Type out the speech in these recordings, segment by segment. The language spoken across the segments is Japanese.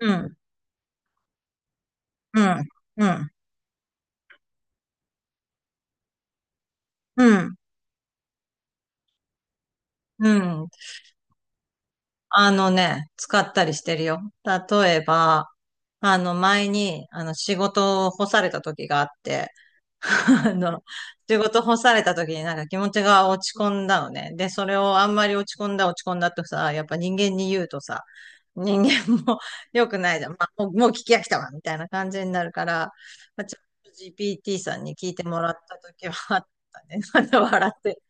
うん、うん、うん、うん、うん。あのね、使ったりしてるよ。例えば、前に、仕事を干された時があって、あの、仕事干された時になんか気持ちが落ち込んだのね。で、それをあんまり落ち込んだ落ち込んだとさ、やっぱ人間に言うとさ、人間も 良くないじゃん。まあ、もう、もう聞き飽きたわ、みたいな感じになるから、まあ、ちょっと GPT さんに聞いてもらった時はあったね。また笑って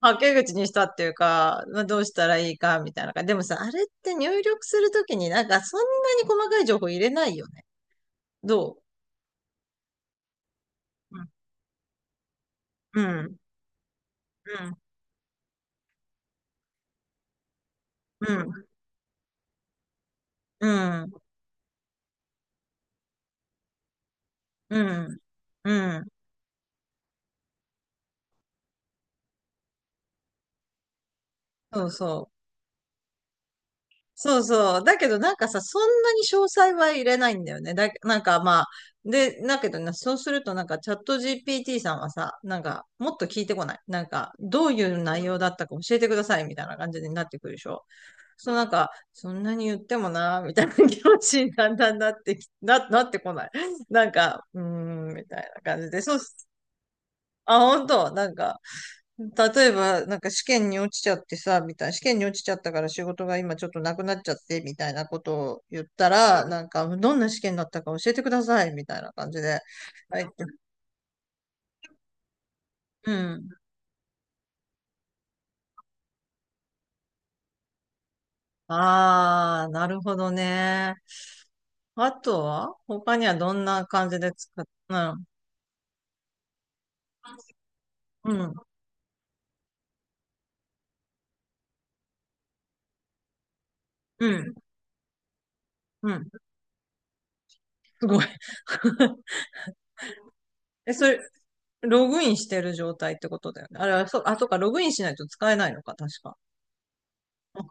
はけ口にしたっていうか、まあ、どうしたらいいかみたいな感じ。でもさ、あれって入力するときになんかそんなに細かい情報入れないよね。どううん。うん。うん。うん。うん。うん。そうそう。そうそう。だけどなんかさ、そんなに詳細は入れないんだよね。なんかまあ、で、だけどね、そうするとなんかチャット GPT さんはさ、なんかもっと聞いてこない。なんか、どういう内容だったか教えてくださいみたいな感じになってくるでしょ。そのなんか、そんなに言ってもな、みたいな気持ちにだんだんなってき、なってこない。なんか、うーん、みたいな感じで。そうっす。あ、本当なんか、例えば、なんか試験に落ちちゃってさ、みたいな、試験に落ちちゃったから仕事が今ちょっとなくなっちゃって、みたいなことを言ったら、なんか、どんな試験だったか教えてください、みたいな感じで。はい。うん。ああ、なるほどね。あとは他にはどんな感じでうん。うん。うん。うん、すごい。え、それ、ログインしてる状態ってことだよね。あれは、そう、あ、そうか、ログインしないと使えないのか、確か。うん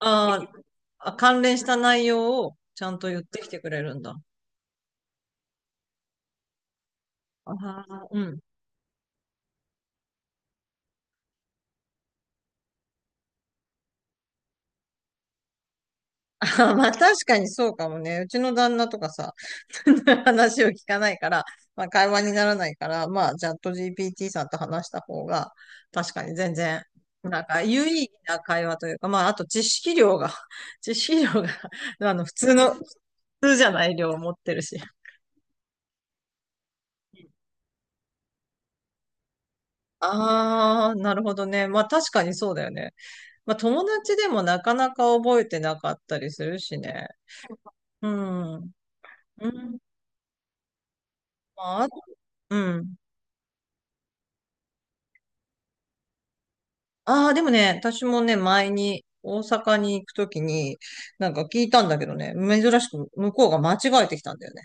あーあ、関連した内容をちゃんと言ってきてくれるんだ。ああ、うん。あーまあ確かにそうかもね。うちの旦那とかさ、話を聞かないから、まあ会話にならないから、まあチャット GPT さんと話した方が、確かに全然、なんか有意義な会話というか、まああと知識量が、知識量が、あの普通の、普通じゃない量持ってるし。ああ、なるほどね。まあ確かにそうだよね。まあ友達でもなかなか覚えてなかったりするしね。うん。うん。まあ、うん。ああ、でもね、私もね、前に大阪に行くときに、なんか聞いたんだけどね、珍しく向こうが間違えてきたんだよね。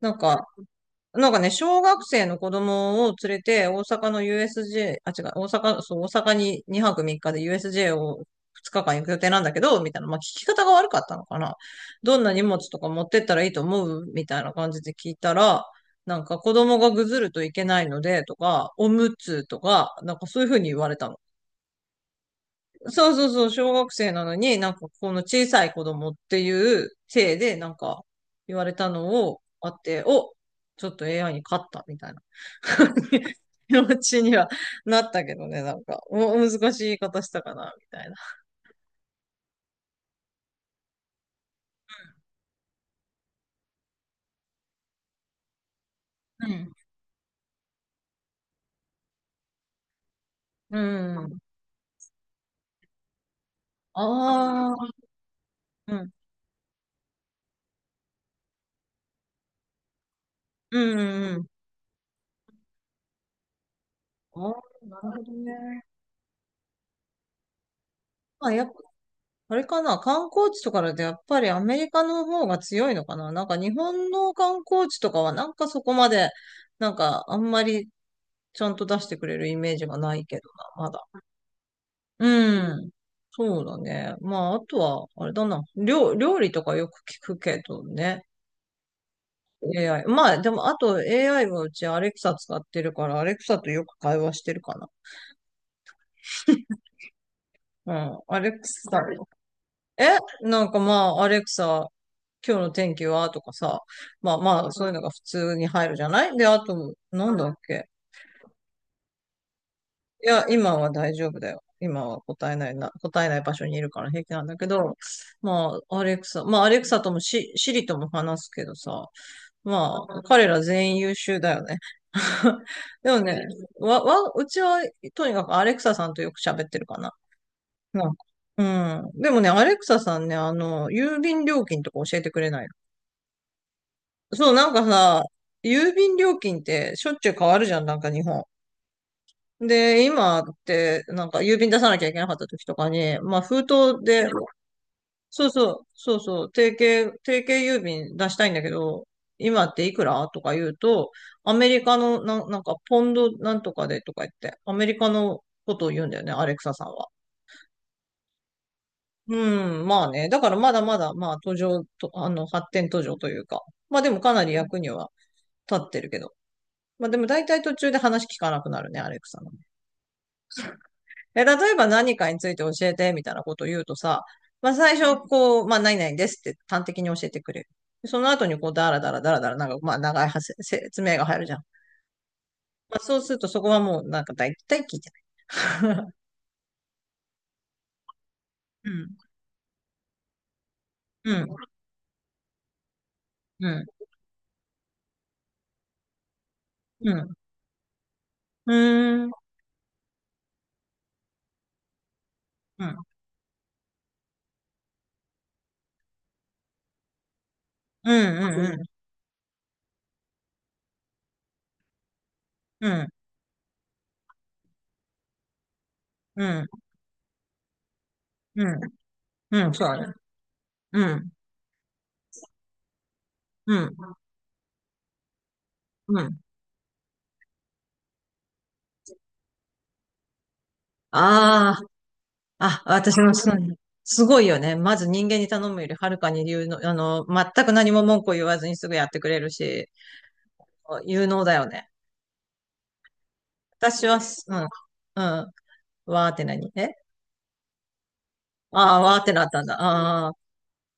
なんか、なんかね、小学生の子供を連れて、大阪の USJ、あ、違う、大阪、そう、大阪に2泊3日で USJ を2日間行く予定なんだけど、みたいな、まあ聞き方が悪かったのかな。どんな荷物とか持ってったらいいと思うみたいな感じで聞いたら、なんか子供がぐずるといけないので、とか、おむつとか、なんかそういうふうに言われたの。そうそうそう、小学生なのに、なんかこの小さい子供っていう体で、なんか言われたのをあって、お、ちょっと AI に勝ったみたいな 気持ちにはなったけどね、なんか、お、難しい言い方したかな、みたいな。うん。うん。ああ、うん、うん、うん。うんああなるほどね。まあ、あれかな、観光地とかだとやっぱりアメリカの方が強いのかな。なんか日本の観光地とかはなんかそこまで、なんかあんまりちゃんと出してくれるイメージがないけどな、まだ。うん。そうだね。まあ、あとは、あれだな。料理とかよく聞くけどね。AI。まあ、でも、あと AI はうちアレクサ使ってるから、アレクサとよく会話してるかな。うん。アレクサえ、なんかまあ、アレクサ、今日の天気はとかさ、まあまあ、そういうのが普通に入るじゃないで、あと、なんだっけいや、今は大丈夫だよ。今は答えないな、答えない場所にいるから平気なんだけど、まあ、アレクサ、まあ、アレクサともシリとも話すけどさ、まあ、彼ら全員優秀だよね。でもね、うちは、とにかくアレクサさんとよく喋ってるかな。なんかうん。でもね、アレクサさんね、郵便料金とか教えてくれないのそう、なんかさ、郵便料金ってしょっちゅう変わるじゃん、なんか日本。で、今って、なんか郵便出さなきゃいけなかった時とかに、まあ封筒で、そうそう、そうそう、定型郵便出したいんだけど、今っていくらとか言うと、アメリカのなんかポンドなんとかでとか言って、アメリカのことを言うんだよね、アレクサさんは。うん、まあね。だからまだまだ、まあ途上と、あの、発展途上というか、まあでもかなり役には立ってるけど。まあでも大体途中で話聞かなくなるね、アレクサの。え、例えば何かについて教えて、みたいなことを言うとさ、まあ最初、こう、まあ何々ですって端的に教えてくれる。その後にこう、だらだらだらだら、なんか、まあ長い説明が入るじゃん。まあそうするとそこはもうなんか大体聞いてない。うん、うん、うん、うん、うん、うん、うん、うん、うん、うん、うん、うん、うんそうだね。うん、うん、うん。ああ、あ、私もそうね。すごいよね。まず人間に頼むよりはるかに有能、全く何も文句を言わずにすぐやってくれるし、有能だよね。私はす、うん、うん、わーって何えああー、わーってなったんだ。ああ、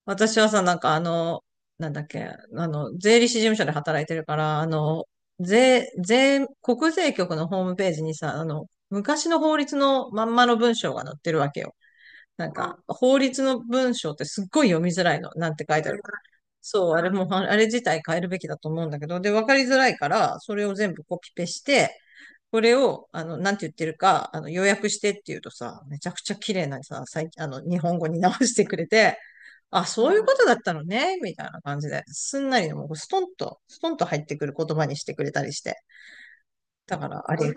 私はさ、なんかなんだっけ、税理士事務所で働いてるから、国税局のホームページにさ、昔の法律のまんまの文章が載ってるわけよ。なんか、法律の文章ってすっごい読みづらいの。なんて書いてあるか。そう、あれも、ああれ自体変えるべきだと思うんだけど、で、わかりづらいから、それを全部コピペして、これを、なんて言ってるか、要約してって言うとさ、めちゃくちゃ綺麗なさ、最近、日本語に直してくれて、あ、そういうことだったのね、みたいな感じで、すんなりもうストンと、ストンと入ってくる言葉にしてくれたりして。だから、あれ、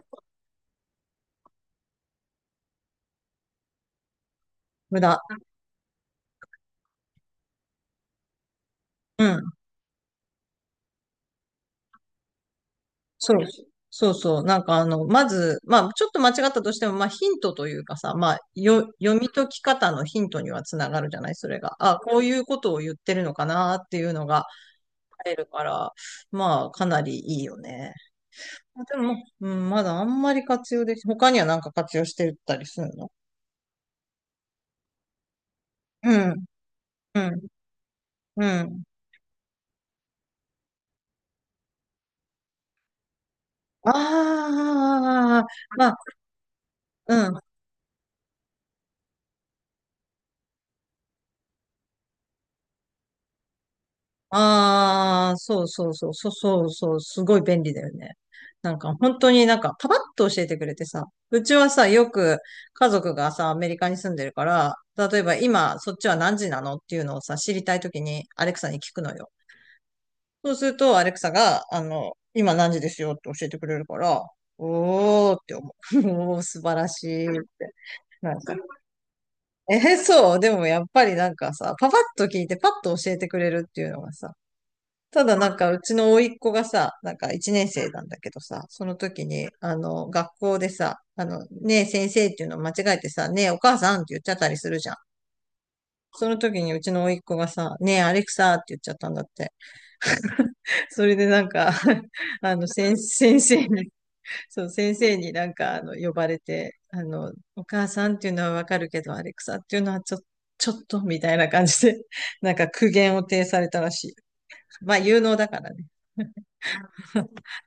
無駄。うん。そう、そうそう。なんかまず、まあ、ちょっと間違ったとしても、まあ、ヒントというかさ、まあ、読み解き方のヒントにはつながるじゃないそれが。あ、こういうことを言ってるのかなっていうのが入るから、まあ、かなりいいよね。あでも、うん、まだあんまり活用でき、他にはなんか活用してたりするのうん、うん、うん。ああ、まあ、うん。ああ、そうそうそう、そうそうそう、すごい便利だよね。なんか本当になんかパパッと教えてくれてさ、うちはさ、よく家族がさ、アメリカに住んでるから、例えば今そっちは何時なのっていうのをさ、知りたいときにアレクサに聞くのよ。そうするとアレクサが、今何時ですよって教えてくれるから、おーって思う。おー、素晴らしいって。なんか、そう、でもやっぱりなんかさ、パパッと聞いてパッと教えてくれるっていうのがさ、ただなんかうちの甥っ子がさ、なんか一年生なんだけどさ、その時に、学校でさ、ねえ先生っていうのを間違えてさ、ねえお母さんって言っちゃったりするじゃん。その時にうちの甥っ子がさ、ねえアレクサって言っちゃったんだって。それでなんか 先生に、そう、先生になんか呼ばれて、お母さんっていうのはわかるけど、アレクサっていうのはちょっと、ちょっとみたいな感じで、なんか苦言を呈されたらしい。まあ、有能だからね。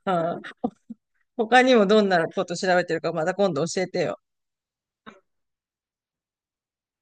他にもどんなこと調べてるかまた今度教えてよ。